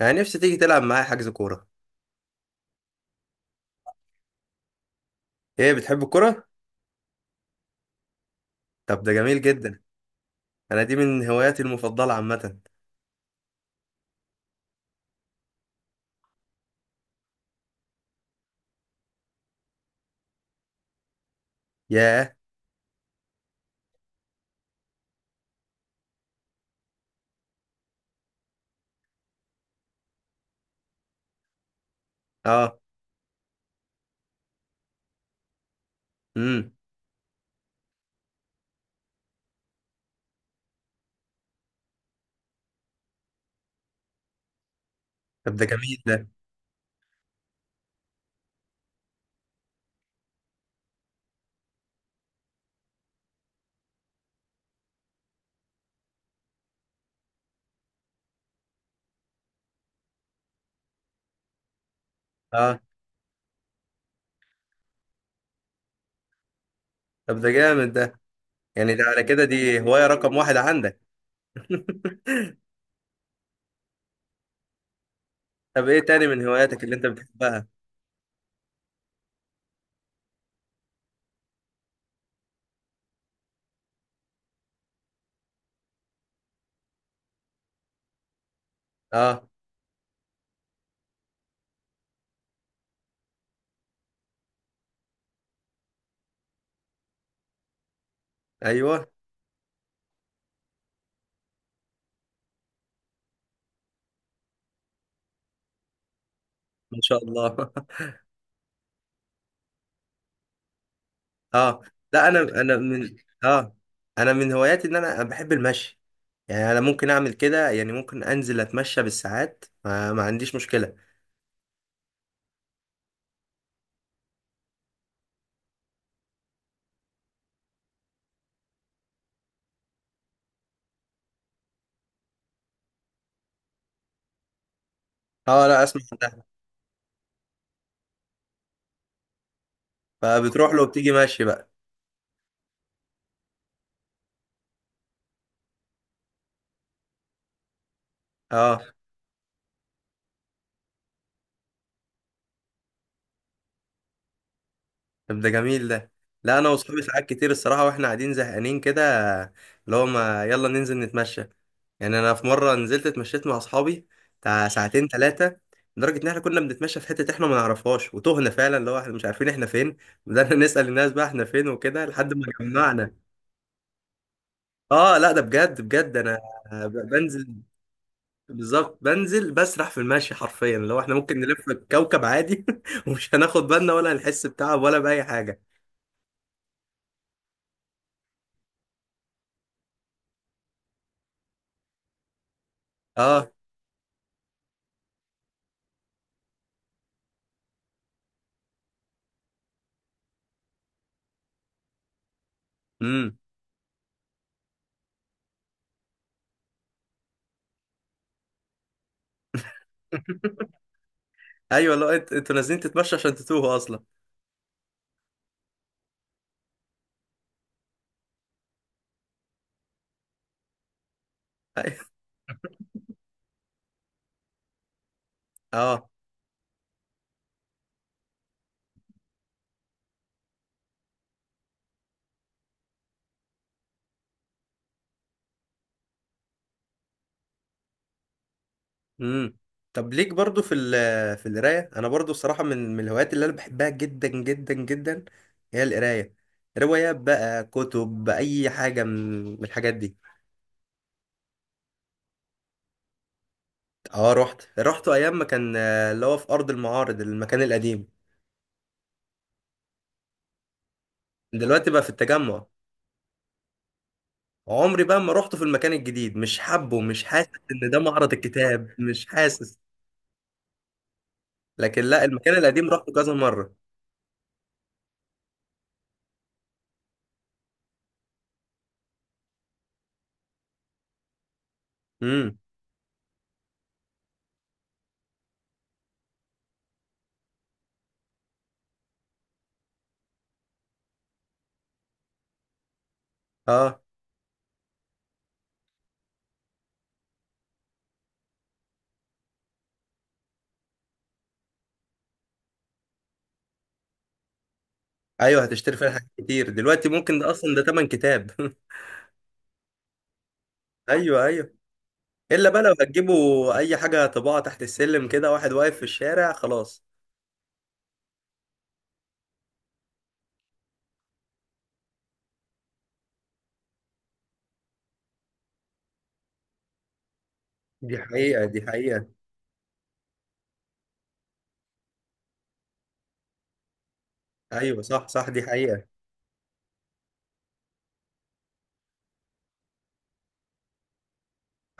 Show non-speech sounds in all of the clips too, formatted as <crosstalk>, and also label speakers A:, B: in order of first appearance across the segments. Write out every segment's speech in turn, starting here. A: انا نفسي تيجي تلعب معايا حجز كورة. ايه بتحب الكورة؟ طب ده جميل جدا. انا دي من هواياتي المفضلة عامة. ياه. اه. امم. طب ده جميل ده. اه. طب ده جامد ده. يعني ده على كده دي هواية رقم واحد عندك؟ طب ايه تاني من هواياتك اللي انت بتحبها؟ اه. ايوه. ما شاء الله. <laughs> اه. لا انا من. اه، انا من هواياتي ان انا بحب المشي. يعني انا ممكن اعمل كده، يعني ممكن انزل اتمشى بالساعات، ما عنديش مشكلة. اه لا اسمع ده. فبتروح له وبتيجي ماشي بقى؟ اه. طب ده جميل ده. لا انا واصحابي ساعات كتير الصراحه واحنا قاعدين زهقانين كده، اللي هو ما يلا ننزل نتمشى. يعني انا في مره نزلت اتمشيت مع اصحابي بتاع ساعتين ثلاثه، لدرجه ان احنا كنا بنتمشى في حته احنا ما نعرفهاش، وتهنا فعلا، اللي هو احنا مش عارفين احنا فين. بدأنا <laughs> نسال الناس بقى احنا فين وكده لحد ما جمعنا. اه لا ده بجد بجد. انا بنزل بالظبط، بنزل بسرح في المشي حرفيا، اللي هو احنا ممكن نلف الكوكب عادي <laughs> ومش هناخد بالنا ولا هنحس بتعب ولا باي حاجه. اه. امم. ايوه لا انتوا نازلين تتمشوا عشان تتوهوا اصلا. <laughs> أي- اه. امم. طب ليك برضو في القرايه. انا برضو الصراحه من الهوايات اللي انا بحبها جدا جدا جدا، هي القرايه. روايات بقى كتب اي حاجه من الحاجات دي. اه رحت رحت ايام ما كان، اللي هو في ارض المعارض المكان القديم. دلوقتي بقى في التجمع. عمري بقى ما رحت في المكان الجديد، مش حابه، مش حاسس ان ده معرض الكتاب، مش حاسس. لكن لا المكان القديم رحته كذا مره. امم. اه. ايوه هتشتري فيها حاجات كتير. دلوقتي ممكن ده اصلا ده تمن كتاب. <laughs> ايوه ايوه. الا بقى لو هتجيبوا اي حاجه طباعه تحت السلم كده، واحد واقف في الشارع، خلاص. دي حقيقه دي حقيقه. ايوه صح صح دي حقيقه.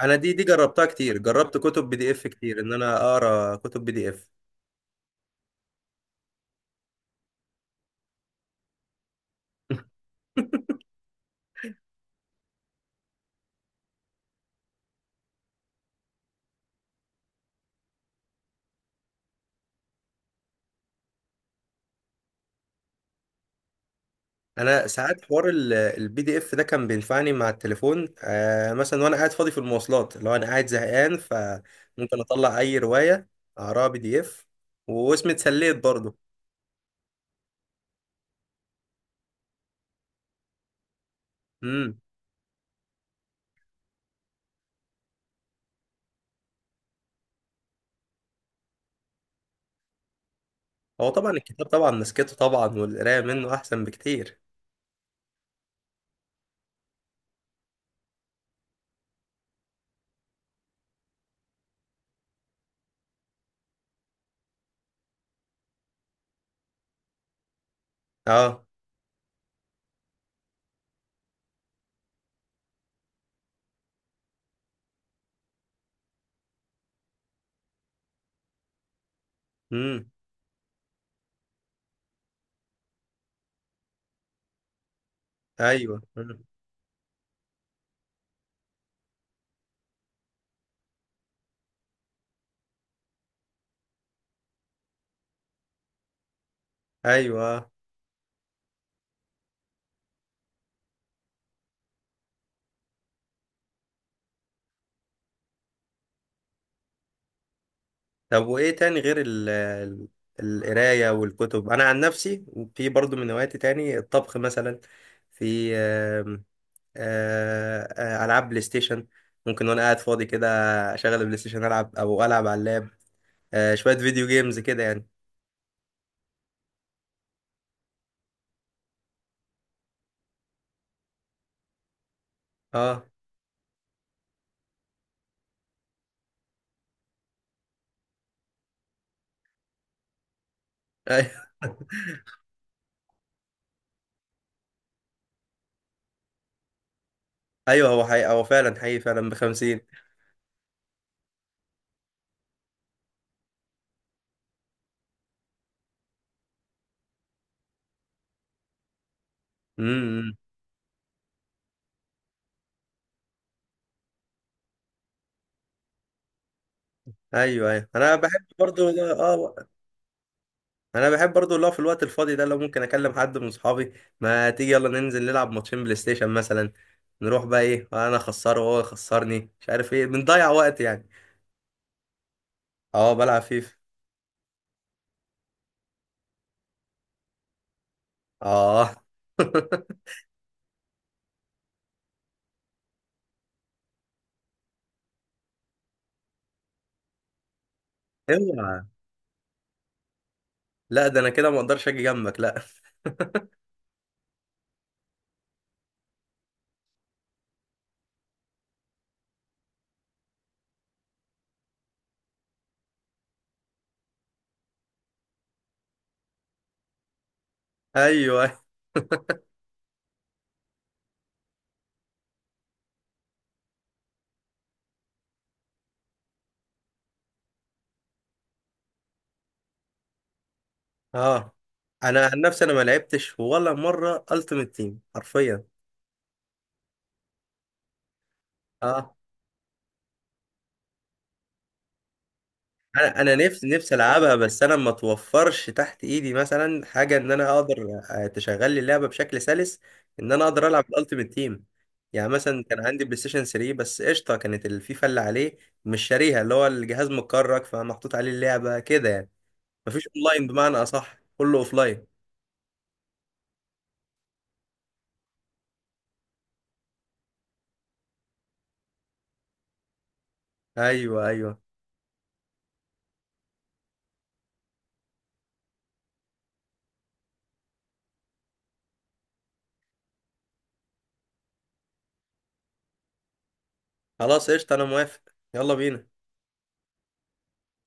A: انا دي جربتها كتير، جربت كتب بي دي اف كتير ان انا اقرا كتب بي دي اف. <laughs> انا ساعات حوار البي دي اف ده كان بينفعني مع التليفون مثلا، وانا قاعد فاضي في المواصلات، لو انا قاعد زهقان، فممكن اطلع اي روايه اقراها بي دي اف، واسمي اتسليت برضه. هو طبعا الكتاب طبعا مسكته طبعا والقرايه منه احسن بكتير. اه. امم. ايوه مم. ايوه آه. طب وايه تاني غير القرايه والكتب؟ انا عن نفسي في برضو من هواياتي تاني الطبخ مثلا. في العاب بلاي ستيشن. ممكن وانا قاعد فاضي كده اشغل البلاي ستيشن، العب او العب على اللاب، شويه فيديو جيمز كده يعني. اه. <laughs> ايوه ايوه. هو حقيقي، هو فعلا حقيقي فعلا بخمسين. امم. ايوه ايوه انا بحب برضو. اه انا بحب برضو اللي هو في الوقت الفاضي ده لو ممكن اكلم حد من صحابي، ما تيجي يلا ننزل نلعب ماتشين بلاي ستيشن مثلا، نروح بقى ايه، انا اخسره وهو يخسرني مش عارف ايه، بنضيع وقت يعني. اه بلعب فيفا. اه. <laughs> اوعى. لا ده انا كده ما اقدرش اجي جنبك، لا. ايوه. اه. انا عن نفسي انا ما لعبتش ولا مره التيمت تيم حرفيا. اه. انا نفسي العبها، بس انا ما توفرش تحت ايدي مثلا حاجه ان انا اقدر تشغل لي اللعبه بشكل سلس، ان انا اقدر العب الالتيميت تيم. يعني مثلا كان عندي بلاي ستيشن 3 بس قشطه كانت الفيفا اللي عليه. مش شاريها، اللي هو الجهاز متكرك فمحطوط عليه اللعبه كده يعني، مفيش اونلاين، بمعنى اصح كله اوفلاين. ايوه ايوه. خلاص قشطه انا موافق. يلا بينا.